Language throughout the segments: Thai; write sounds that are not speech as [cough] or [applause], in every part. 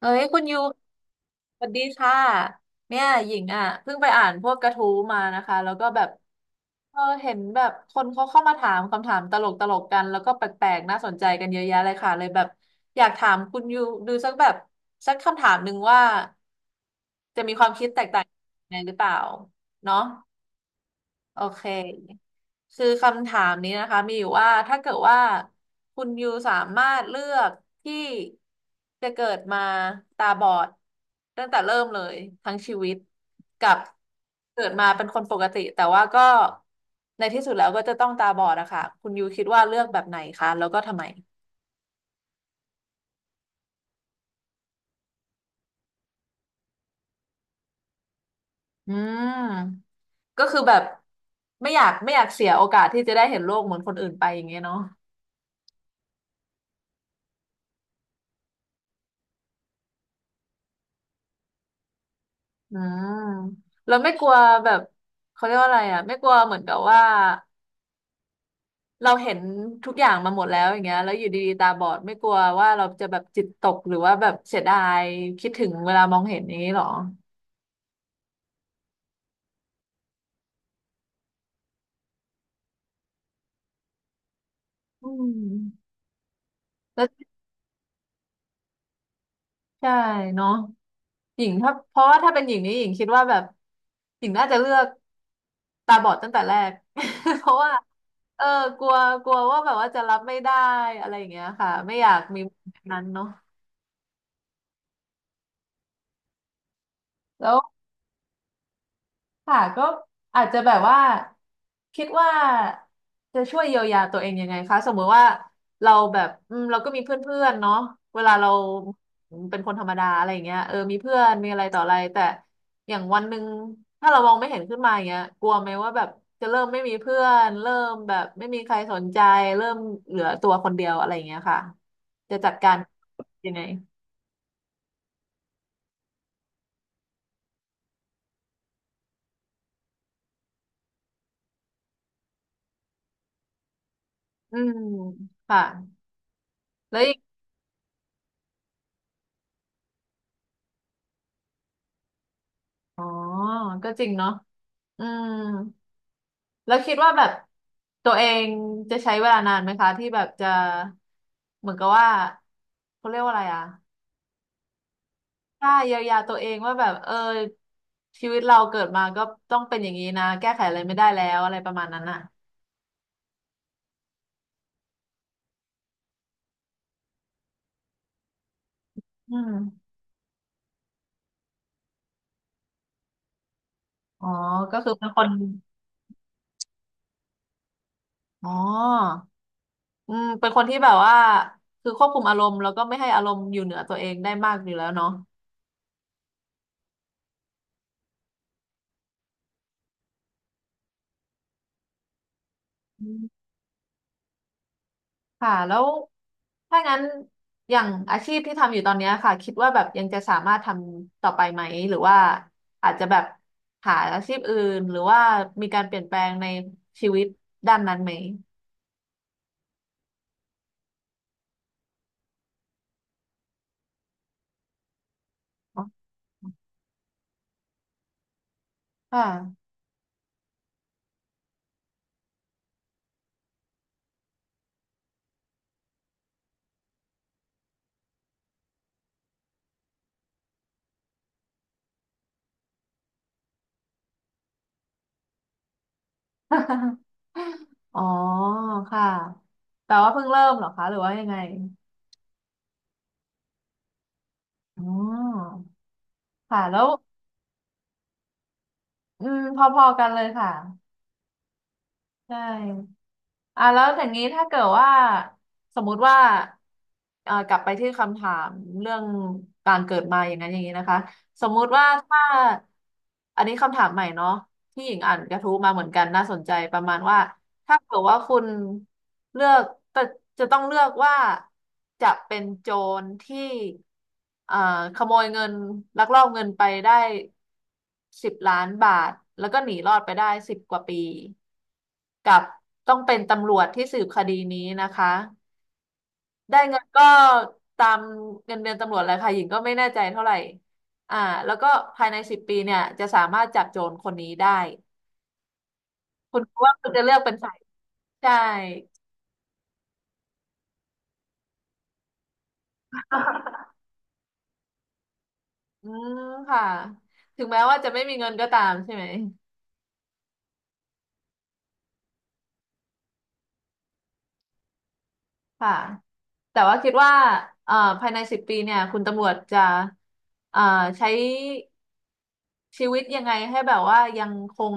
เอ้ยคุณยูสวัสดีค่ะเนี่ยหญิงอ่ะเพิ่งไปอ่านพวกกระทู้มานะคะแล้วก็แบบเออเห็นแบบคนเขาเข้ามาถามคำถามตลกตลกกันแล้วก็แปลกๆน่าสนใจกันเยอะแยะเลยค่ะเลยแบบอยากถามคุณยูดูสักแบบสักคำถามหนึ่งว่าจะมีความคิดแตกต่างยังไงหรือเปล่าเนาะ โอเคคือคำถามนี้นะคะมีอยู่ว่าถ้าเกิดว่าคุณยูสามารถเลือกที่จะเกิดมาตาบอดตั้งแต่เริ่มเลยทั้งชีวิตกับเกิดมาเป็นคนปกติแต่ว่าก็ในที่สุดแล้วก็จะต้องตาบอดอะค่ะคุณยูคิดว่าเลือกแบบไหนคะแล้วก็ทำไมอืมก็คือแบบไม่อยากเสียโอกาสที่จะได้เห็นโลกเหมือนคนอื่นไปอย่างเงี้ยเนาะ อ่าเราไม่กลัวแบบเขาเรียกว่าอะไรอ่ะไม่กลัวเหมือนกับว่าเราเห็นทุกอย่างมาหมดแล้วอย่างเงี้ยแล้วอยู่ดีๆตาบอดไม่กลัวว่าเราจะแบบจิตตกหรือว่าแบบเสียดายคิดถึงเวลามองเห็นอย่างนี้หรออืมแล้วใช่เนาะหญิงถ้าเพราะว่าถ้าเป็นหญิงนี่หญิงคิดว่าแบบหญิงน่าจะเลือกตาบอดตั้งแต่แรก [laughs] เพราะว่าเออกลัวกลัวว่าแบบว่าจะรับไม่ได้อะไรอย่างเงี้ยค่ะไม่อยากมีแบบนั้นเนาะแล้ว ค่ะก็อาจจะแบบว่าคิดว่าจะช่วยเยียวยาตัวเองยังไงคะสมมุติว่าเราแบบอืมเราก็มีเพื่อนๆเนาะเวลาเราเป็นคนธรรมดาอะไรอย่างเงี้ยเออมีเพื่อนมีอะไรต่ออะไรแต่อย่างวันหนึ่งถ้าเรามองไม่เห็นขึ้นมาอย่างเงี้ยกลัวไหมว่าแบบจะเริ่มไม่มีเพื่อนเริ่มแบบไม่มีใครสนใจเริ่มเหลือตัวคนเดียวอะไรอย่างเงี้ยค่ะจะจัดการยังไงอืมค่ะแล้วอีกอ๋อก็จริงเนาะอืม แล้วคิดว่าแบบตัวเองจะใช้เวลานานไหมคะที่แบบจะเหมือนกับว่าเขาเรียกว่าอะไรอะถ้าเยียวยาตัวเองว่าแบบเออชีวิตเราเกิดมาก็ต้องเป็นอย่างนี้นะแก้ไขอะไรไม่ได้แล้วอะไรประมาณนั้นอ่ะอืมอ๋อก็คือเป็นคนอ๋ออืมเป็นคนที่แบบว่าคือควบคุมอารมณ์แล้วก็ไม่ให้อารมณ์อยู่เหนือตัวเองได้มากอยู่แล้วเนาะ ค่ะแล้วถ้างั้นอย่างอาชีพที่ทำอยู่ตอนเนี้ยค่ะคิดว่าแบบยังจะสามารถทำต่อไปไหมหรือว่าอาจจะแบบหาอาชีพอื่นหรือว่ามีการเปลี่ยนแปลงในชีวิตด้านนั้นไหมอ๋อค่ะ [laughs] อ๋อค่ะแต่ว่าเพิ่งเริ่มเหรอคะหรือว่ายังไงอ๋อค่ะแล้วอืมพอๆกันเลยค่ะ ใช่อ่ะแล้วอย่างนี้ถ้าเกิดว่าสมมุติว่ากลับไปที่คำถามเรื่องการเกิดมาอย่างนั้นอย่างนี้นะคะ สมมุติว่าถ้าอันนี้คำถามใหม่เนาะที่หญิงอ่านกระทู้มาเหมือนกันน่าสนใจประมาณว่า ถ้าเกิดว่าคุณเลือกแต่จะต้องเลือกว่าจะเป็นโจรที่เอ่อขโมยเงินลักลอบเงินไปได้10 ล้านบาทแล้วก็หนีรอดไปได้10 กว่าปีกับต้องเป็นตำรวจที่สืบคดีนี้นะคะได้เงินก็ตามเงินเดือนตำรวจเลยค่ะหญิงก็ไม่แน่ใจเท่าไหร่อ่าแล้วก็ภายในสิบปีเนี่ยจะสามารถจับโจรคนนี้ได้คุณคิดว่าคุณจะเลือกเป็นใครใช่ [laughs] อืมค่ะถึงแม้ว่าจะไม่มีเงินก็ตามใช่ไหมค่ะแต่ว่าคิดว่าเอ่อภายในสิบปีเนี่ยคุณตำรวจจะเอ่อใช้ชีวิตยังไงให้แบบว่ายังคง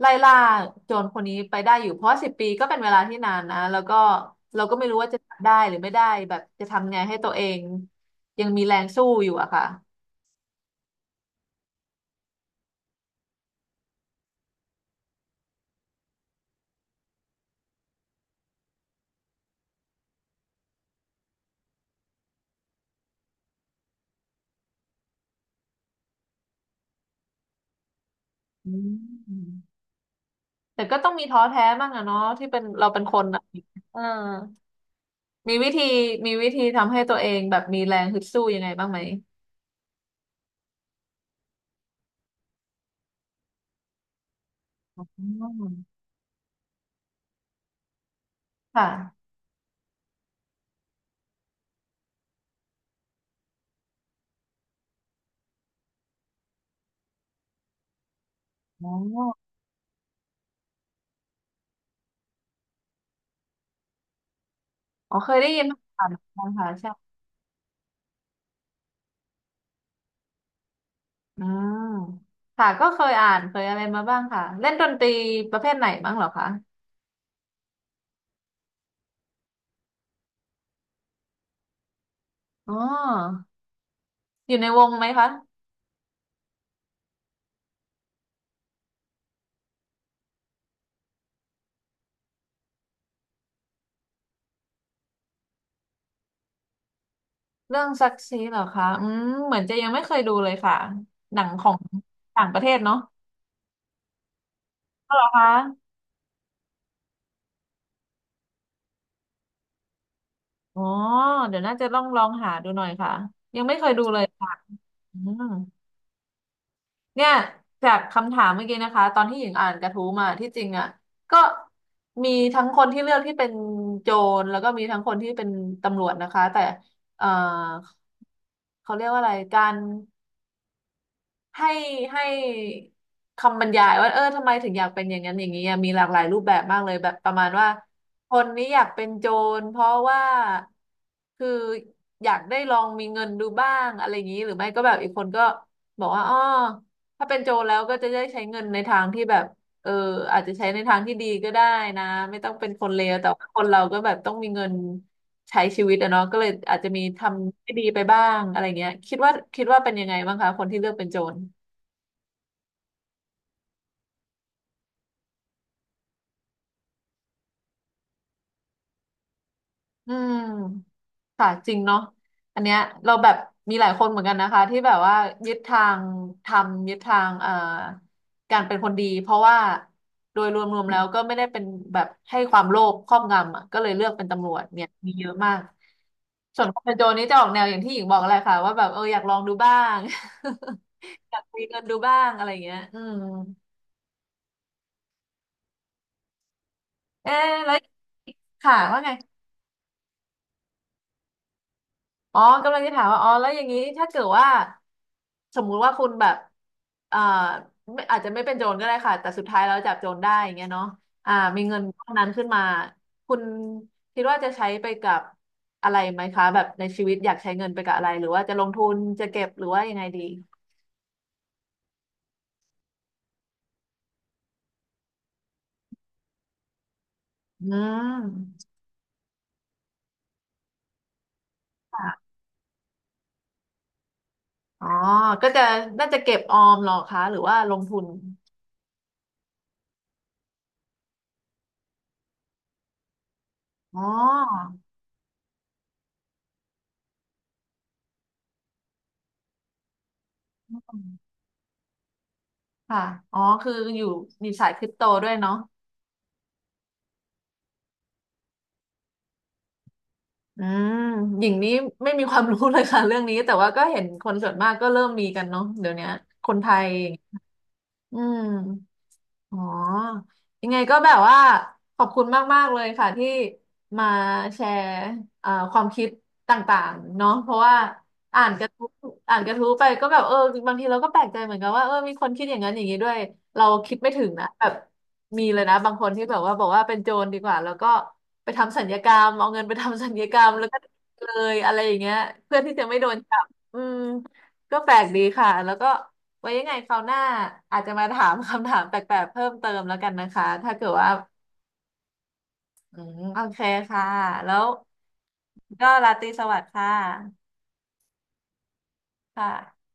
ไล่ล่าโจรคนนี้ไปได้อยู่เพราะสิบปีก็เป็นเวลาที่นานนะแล้วก็เราก็ไม่รู้ว่าจะทำได้หรือไม่ได้แบบจะทำไงให้ตัวเองยังมีแรงสู้อยู่อะค่ะอืมแต่ก็ต้องมีท้อแท้บ้างอะเนาะที่เป็นเราเป็นคนอะเออ มีวิธีมีวิธีทำให้ตัวเองแบบมีแรงฮึดสู้ยังไงบ้างไหมอืมค่ะอ๋ออ๋อเคยได้ยินผ่านค่ะใช่อ่าค่ะก็เคยอ่านเคยอะไรมาบ้างค่ะเล่นดนตรีประเภทไหนบ้างเหรอคะอ๋ออยู่ในวงไหมคะเรื่องซักซีเหรอคะอืมเหมือนจะยังไม่เคยดูเลยค่ะหนังของต่างประเทศเนาะเหรอคะอ๋อเดี๋ยวน่าจะต้องลองหาดูหน่อยค่ะยังไม่เคยดูเลยค่ะอืม เนี่ยจากคำถามเมื่อกี้นะคะตอนที่หญิงอ่านกระทู้มาที่จริงอ่ะก็มีทั้งคนที่เลือกที่เป็นโจรแล้วก็มีทั้งคนที่เป็นตำรวจนะคะแต่เอ่อเขาเรียกว่าอะไรการ ให้ให้คำบรรยายว่าเออทำไมถึงอยากเป็นอย่างนั้นอย่างนี้อะมีหลากหลายรูปแบบมากเลยแบบประมาณว่าคนนี้อยากเป็นโจรเพราะว่าคืออยากได้ลองมีเงินดูบ้างอะไรอย่างนี้หรือไม่ก็แบบอีกคนก็บอกว่าอ๋อถ้าเป็นโจรแล้วก็จะได้ใช้เงินในทางที่แบบเอออาจจะใช้ในทางที่ดีก็ได้นะไม่ต้องเป็นคนเลวแต่ว่าคนเราก็แบบต้องมีเงินใช้ชีวิตอะเนาะก็เลยอาจจะมีทำไม่ดีไปบ้างอะไรเงี้ยคิดว่าเป็นยังไงบ้างคะคนที่เลือกเป็นโจร อืมค่ะจริงเนาะอันเนี้ยเราแบบมีหลายคนเหมือนกันนะคะที่แบบว่ายึดทางทำยึดทางการเป็นคนดีเพราะว่าโดยรวมๆแล้วก็ไม่ได้เป็นแบบให้ความโลภครอบงำอ่ะก็เลยเลือกเป็นตำรวจเนี่ยมีเยอะมากส่วนคนเป็นโจรนี่จะออกแนวอย่างที่หญิงบอกแหละค่ะว่าแบบเอออยากลองดูบ้าง [laughs] อยากมีเงินดูบ้างอะไรอย่างเงี้ยอืมเอ๊ะแล้วค่ะว่าไง อ๋อกำลังจะถามว่าอ๋อแล้วอย่างนี้ถ้าเกิดว่าสมมุติว่าคุณแบบเอ่อไม่อาจจะไม่เป็นโจรก็ได้ค่ะแต่สุดท้ายแล้วจับโจรได้อย่างเงี้ยเนาะอ่ามีเงินก้อนนั้นขึ้นมาคุณคิดว่าจะใช้ไปกับอะไรไหมคะแบบในชีวิตอยากใช้เงินไปกับอะไรหรือว่าจะลงทุนจะเก็บหรือว่ายังไงดีอืมค่ะอ๋อก็จะน่าจะเก็บออมเหรอคะหรือว่าลงทุนอ๋อค่ะอ๋อคืออยู่มีสายคริปโตด้วยเนาะ อืมหญิงนี้ไม่มีความรู้เลยค่ะ [laughs] เรื่องนี้แต่ว่าก็เห็นคนส่วนมากก็เริ่มมีกันเนาะเดี๋ยวเนี้ยคนไทยอย่างเงี้ยอืม อ๋อ ยังไงก็แบบว่าขอบคุณมากๆเลยค่ะที่มาแชร์ความคิดต่างๆเนาะเพราะว่าอ่านกระทู้อ่านกระทู้ไปก็แบบเออบางทีเราก็แปลกใจเหมือนกันว่าเออมีคนคิดอย่างนั้นอย่างนี้ด้วยเราคิดไม่ถึงนะแบบมีเลยนะบางคนที่แบบว่าบอกว่าเป็นโจรดีกว่าแล้วก็ไปทำสัญญกรรมเอาเงินไปทำสัญญกรรมแล้วก็เลยอะไรอย่างเงี้ยเพื่อที่จะไม่โดนจับอืมก็แปลกดีค่ะแล้วก็ ไว้ยังไงคราวหน้าอาจจะมาถามคำถามแปลกๆเพิ่มเติมแล้วกันนะคะถ้าเกิดว่าอืมโอเคค่ะแล้วก็ราตรีสวัสดิ์ค่ะค่ะ